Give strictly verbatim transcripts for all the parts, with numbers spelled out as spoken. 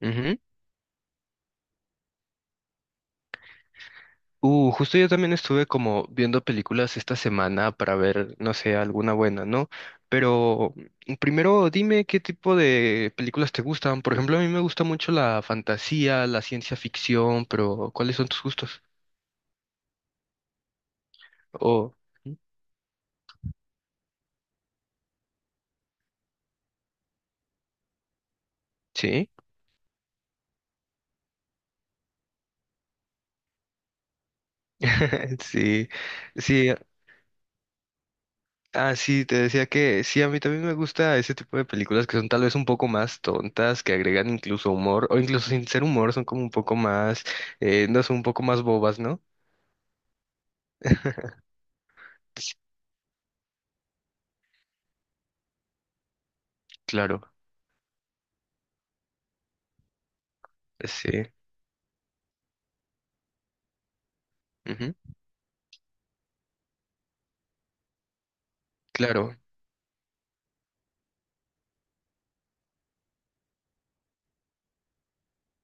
Ujú. Uh, justo yo también estuve como viendo películas esta semana para ver, no sé, alguna buena, ¿no? Pero mm, primero dime qué tipo de películas te gustan. Por ejemplo, a mí me gusta mucho la fantasía, la ciencia ficción, pero ¿cuáles son tus gustos? O ¿Sí? Sí, sí, ah, sí, te decía que sí, a mí también me gusta ese tipo de películas que son tal vez un poco más tontas, que agregan incluso humor, o incluso sin ser humor, son como un poco más, eh, no son un poco más bobas, ¿no? Pues, claro, pues, sí. Ujú, claro,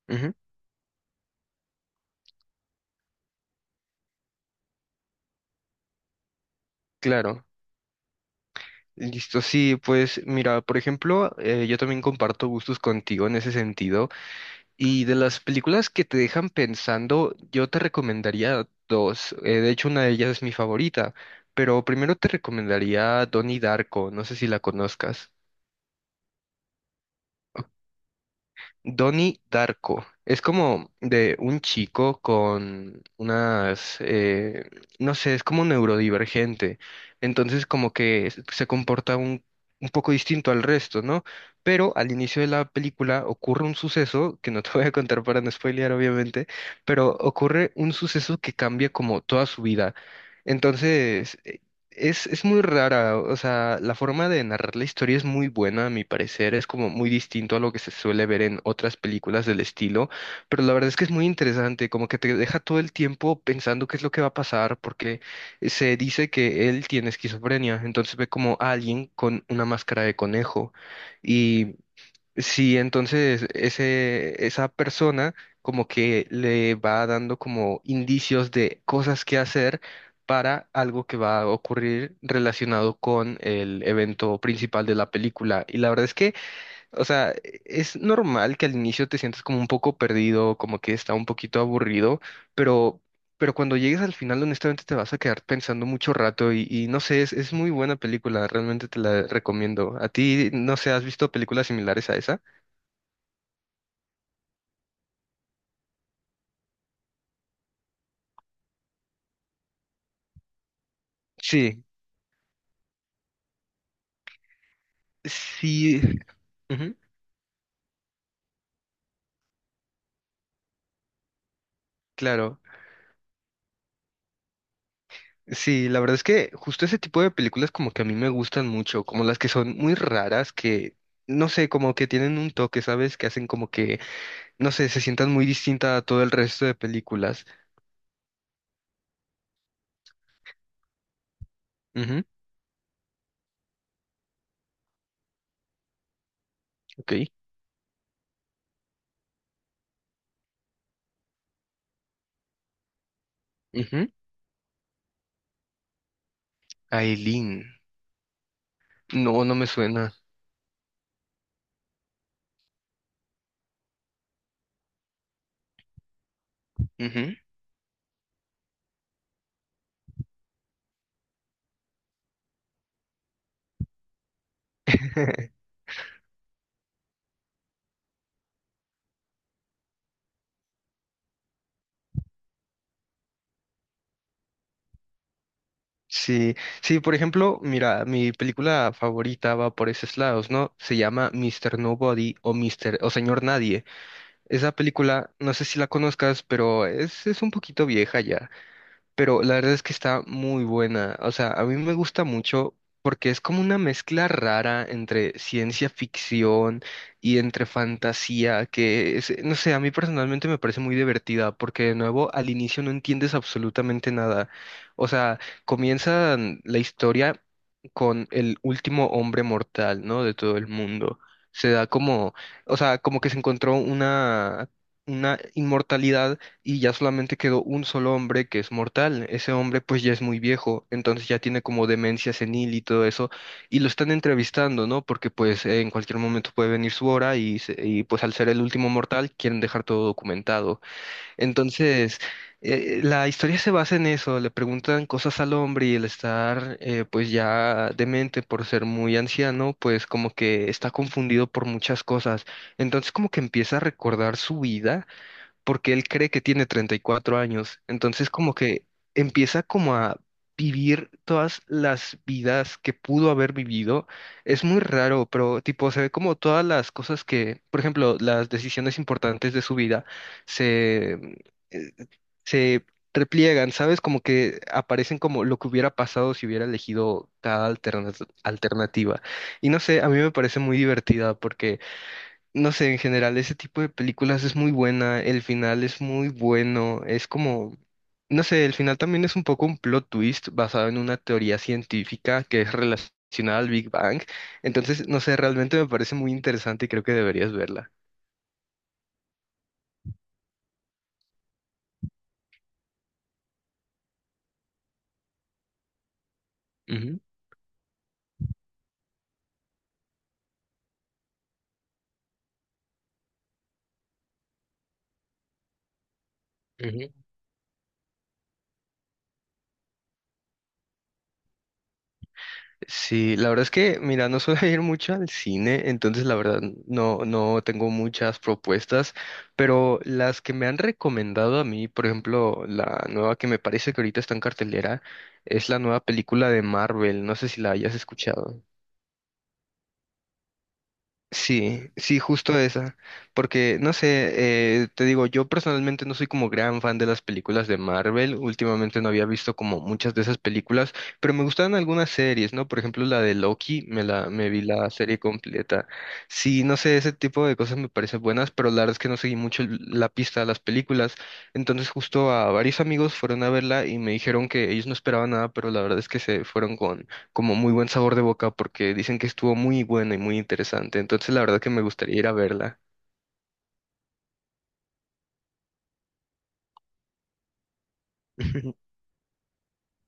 ujú, claro. Listo, sí, pues mira, por ejemplo, eh, yo también comparto gustos contigo en ese sentido. Y de las películas que te dejan pensando, yo te recomendaría dos. Eh, de hecho, una de ellas es mi favorita. Pero primero te recomendaría Donnie Darko, no sé si la conozcas. Donnie Darko. Es como de un chico con unas, eh, no sé, es como neurodivergente. Entonces como que s- se comporta un, un poco distinto al resto, ¿no? Pero al inicio de la película ocurre un suceso, que no te voy a contar para no spoilear, obviamente, pero ocurre un suceso que cambia como toda su vida. Entonces, es, es muy rara, o sea, la forma de narrar la historia es muy buena, a mi parecer, es como muy distinto a lo que se suele ver en otras películas del estilo, pero la verdad es que es muy interesante, como que te deja todo el tiempo pensando qué es lo que va a pasar, porque se dice que él tiene esquizofrenia, entonces ve como a alguien con una máscara de conejo. Sí, entonces ese, esa persona como que le va dando como indicios de cosas que hacer para algo que va a ocurrir relacionado con el evento principal de la película. Y la verdad es que, o sea, e, es normal que al inicio te sientas como un poco perdido, como que está un poquito aburrido, pero, pero cuando llegues al final, honestamente, te vas a quedar pensando mucho rato y, y no sé, es, es muy buena película, realmente te la recomiendo. ¿A ti, no sé, has visto películas similares a esa? Sí, sí, ujú, claro. Sí, la verdad es que justo ese tipo de películas como que a mí me gustan mucho, como las que son muy raras, que no sé, como que tienen un toque, ¿sabes? Que hacen como que, no sé, se sientan muy distinta a todo el resto de películas. Ujú, ok. Ujú. Aileen. No, no me suena. Ujú. Sí, sí, por ejemplo, mira, mi película favorita va por esos lados, ¿no? Se llama Mister Nobody o Mister o Señor Nadie. Esa película, no sé si la conozcas, pero es, es un poquito vieja ya, pero la verdad es que está muy buena. O sea, a mí me gusta mucho porque es como una mezcla rara entre ciencia ficción y entre fantasía, que es- no sé, a mí personalmente me parece muy divertida porque de nuevo al inicio no entiendes absolutamente nada. O sea, comienza la historia con el último hombre mortal, ¿no? De todo el mundo. Se da como, o sea, como que se encontró una... una inmortalidad y ya solamente quedó un solo hombre que es mortal. Ese hombre pues ya es muy viejo, entonces ya tiene como demencia senil y todo eso, y lo están entrevistando, ¿no? Porque pues eh, en cualquier momento puede venir su hora y, se- y, pues al ser el último mortal quieren dejar todo documentado. Entonces, eh, la historia se basa en eso, le preguntan cosas al hombre y el estar eh, pues ya demente por ser muy anciano, pues como que está confundido por muchas cosas. Entonces como que empieza a recordar su vida porque él cree que tiene treinta y cuatro años. Entonces como que empieza como a vivir todas las vidas que pudo haber vivido. Es muy raro, pero tipo se ve como todas las cosas que, por ejemplo, las decisiones importantes de su vida se, mm, eh, se repliegan, ¿sabes? Como que aparecen como lo que hubiera pasado si hubiera elegido cada alterna- alternativa. Y no sé, a mí me parece muy divertida porque no sé, en general ese tipo de películas es muy buena, el final es muy bueno, es como, no sé, el final también es un poco un plot twist basado en una teoría científica que es relacionada al Big Bang, entonces, no sé, realmente me parece muy interesante y creo que deberías verla. Ujú, ujú. Sí, la verdad es que, mira, no suelo ir mucho al cine, entonces la verdad no, no tengo muchas propuestas, pero las que me han recomendado a mí, por ejemplo, la nueva que me parece que ahorita está en cartelera, es la nueva película de Marvel, no sé si la hayas escuchado. Sí, sí, justo esa. Porque, no sé, eh, te digo, yo personalmente no soy como gran fan de las películas de Marvel. Últimamente no había visto como muchas de esas películas, pero me gustaban algunas series, ¿no? Por ejemplo, la de Loki, me la, me vi la serie completa. Sí, no sé, ese tipo de cosas me parecen buenas, pero la verdad es que no seguí mucho el- la pista de las películas. Entonces, justo a varios amigos fueron a verla y me dijeron que ellos no esperaban nada, pero la verdad es que se fueron como muy buen sabor de boca porque dicen que estuvo muy buena y muy interesante. Entonces, la verdad que me gustaría ir a verla.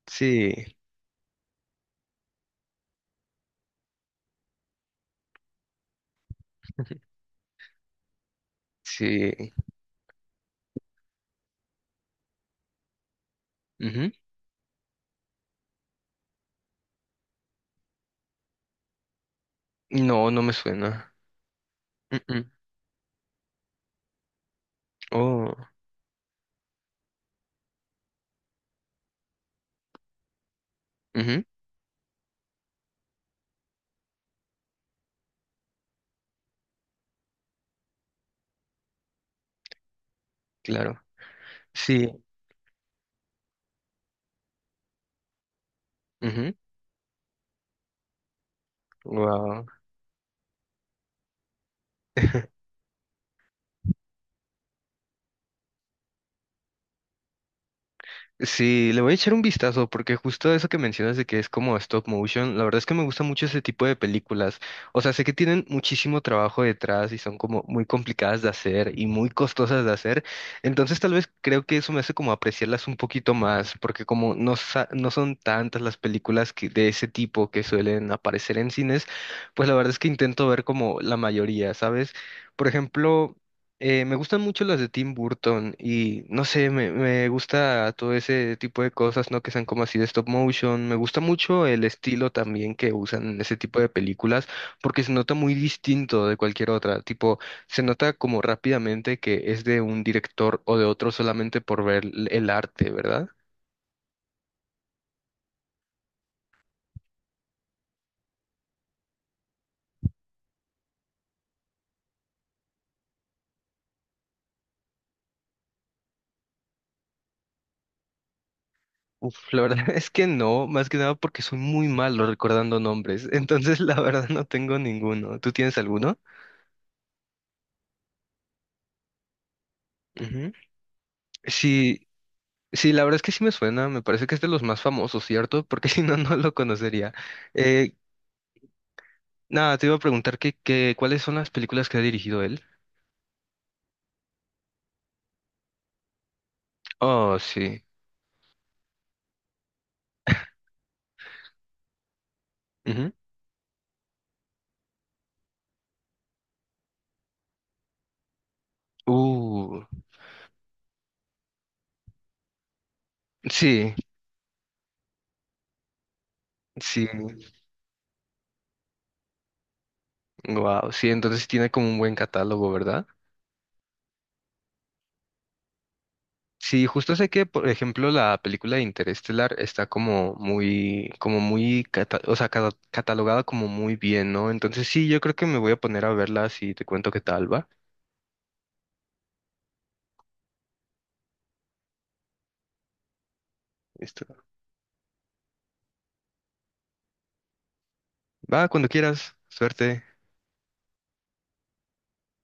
Sí, sí. Ujú. No, no me suena. Mm, mm. Oh, ujú, claro. Sí. Wow. Sí, le voy a echar un vistazo porque justo eso que mencionas de que es como stop motion, la verdad es que me gusta mucho ese tipo de películas. O sea, sé que tienen muchísimo trabajo detrás y son como muy complicadas de hacer y muy costosas de hacer. Entonces tal vez creo que eso me hace como apreciarlas un poquito más porque como no, sa- no son tantas las películas que, de ese tipo que suelen aparecer en cines, pues la verdad es que intento ver como la mayoría, ¿sabes? Por ejemplo... Eh, me gustan mucho las de Tim Burton y no sé, me, me gusta todo ese tipo de cosas, ¿no? Que sean como así de stop motion. Me gusta mucho el estilo también que usan en ese tipo de películas porque se nota muy distinto de cualquier otra. Tipo, se nota como rápidamente que es de un director o de otro solamente por ver el el arte, ¿verdad? Uf, la verdad es que no, más que nada porque soy muy malo recordando nombres. Entonces, la verdad no tengo ninguno. ¿Tú tienes alguno? Ujú. Sí, sí, la verdad es que sí me suena, me parece que es de los más famosos, ¿cierto? Porque si no, no lo conocería. Eh, nada, te iba a preguntar que, que, ¿cuáles son las películas que ha dirigido él? Oh, sí. Ujú. Uh, sí, sí. Wow, sí, entonces sí tiene como un buen catálogo, ¿verdad? Sí, justo sé que, por ejemplo, la película de Interestelar está como muy, como muy, cata- o sea, cata- catalogada como muy bien, ¿no? Entonces sí, yo creo que me voy a poner a verla si te cuento qué tal, ¿va? Listo. Va, cuando quieras. Suerte.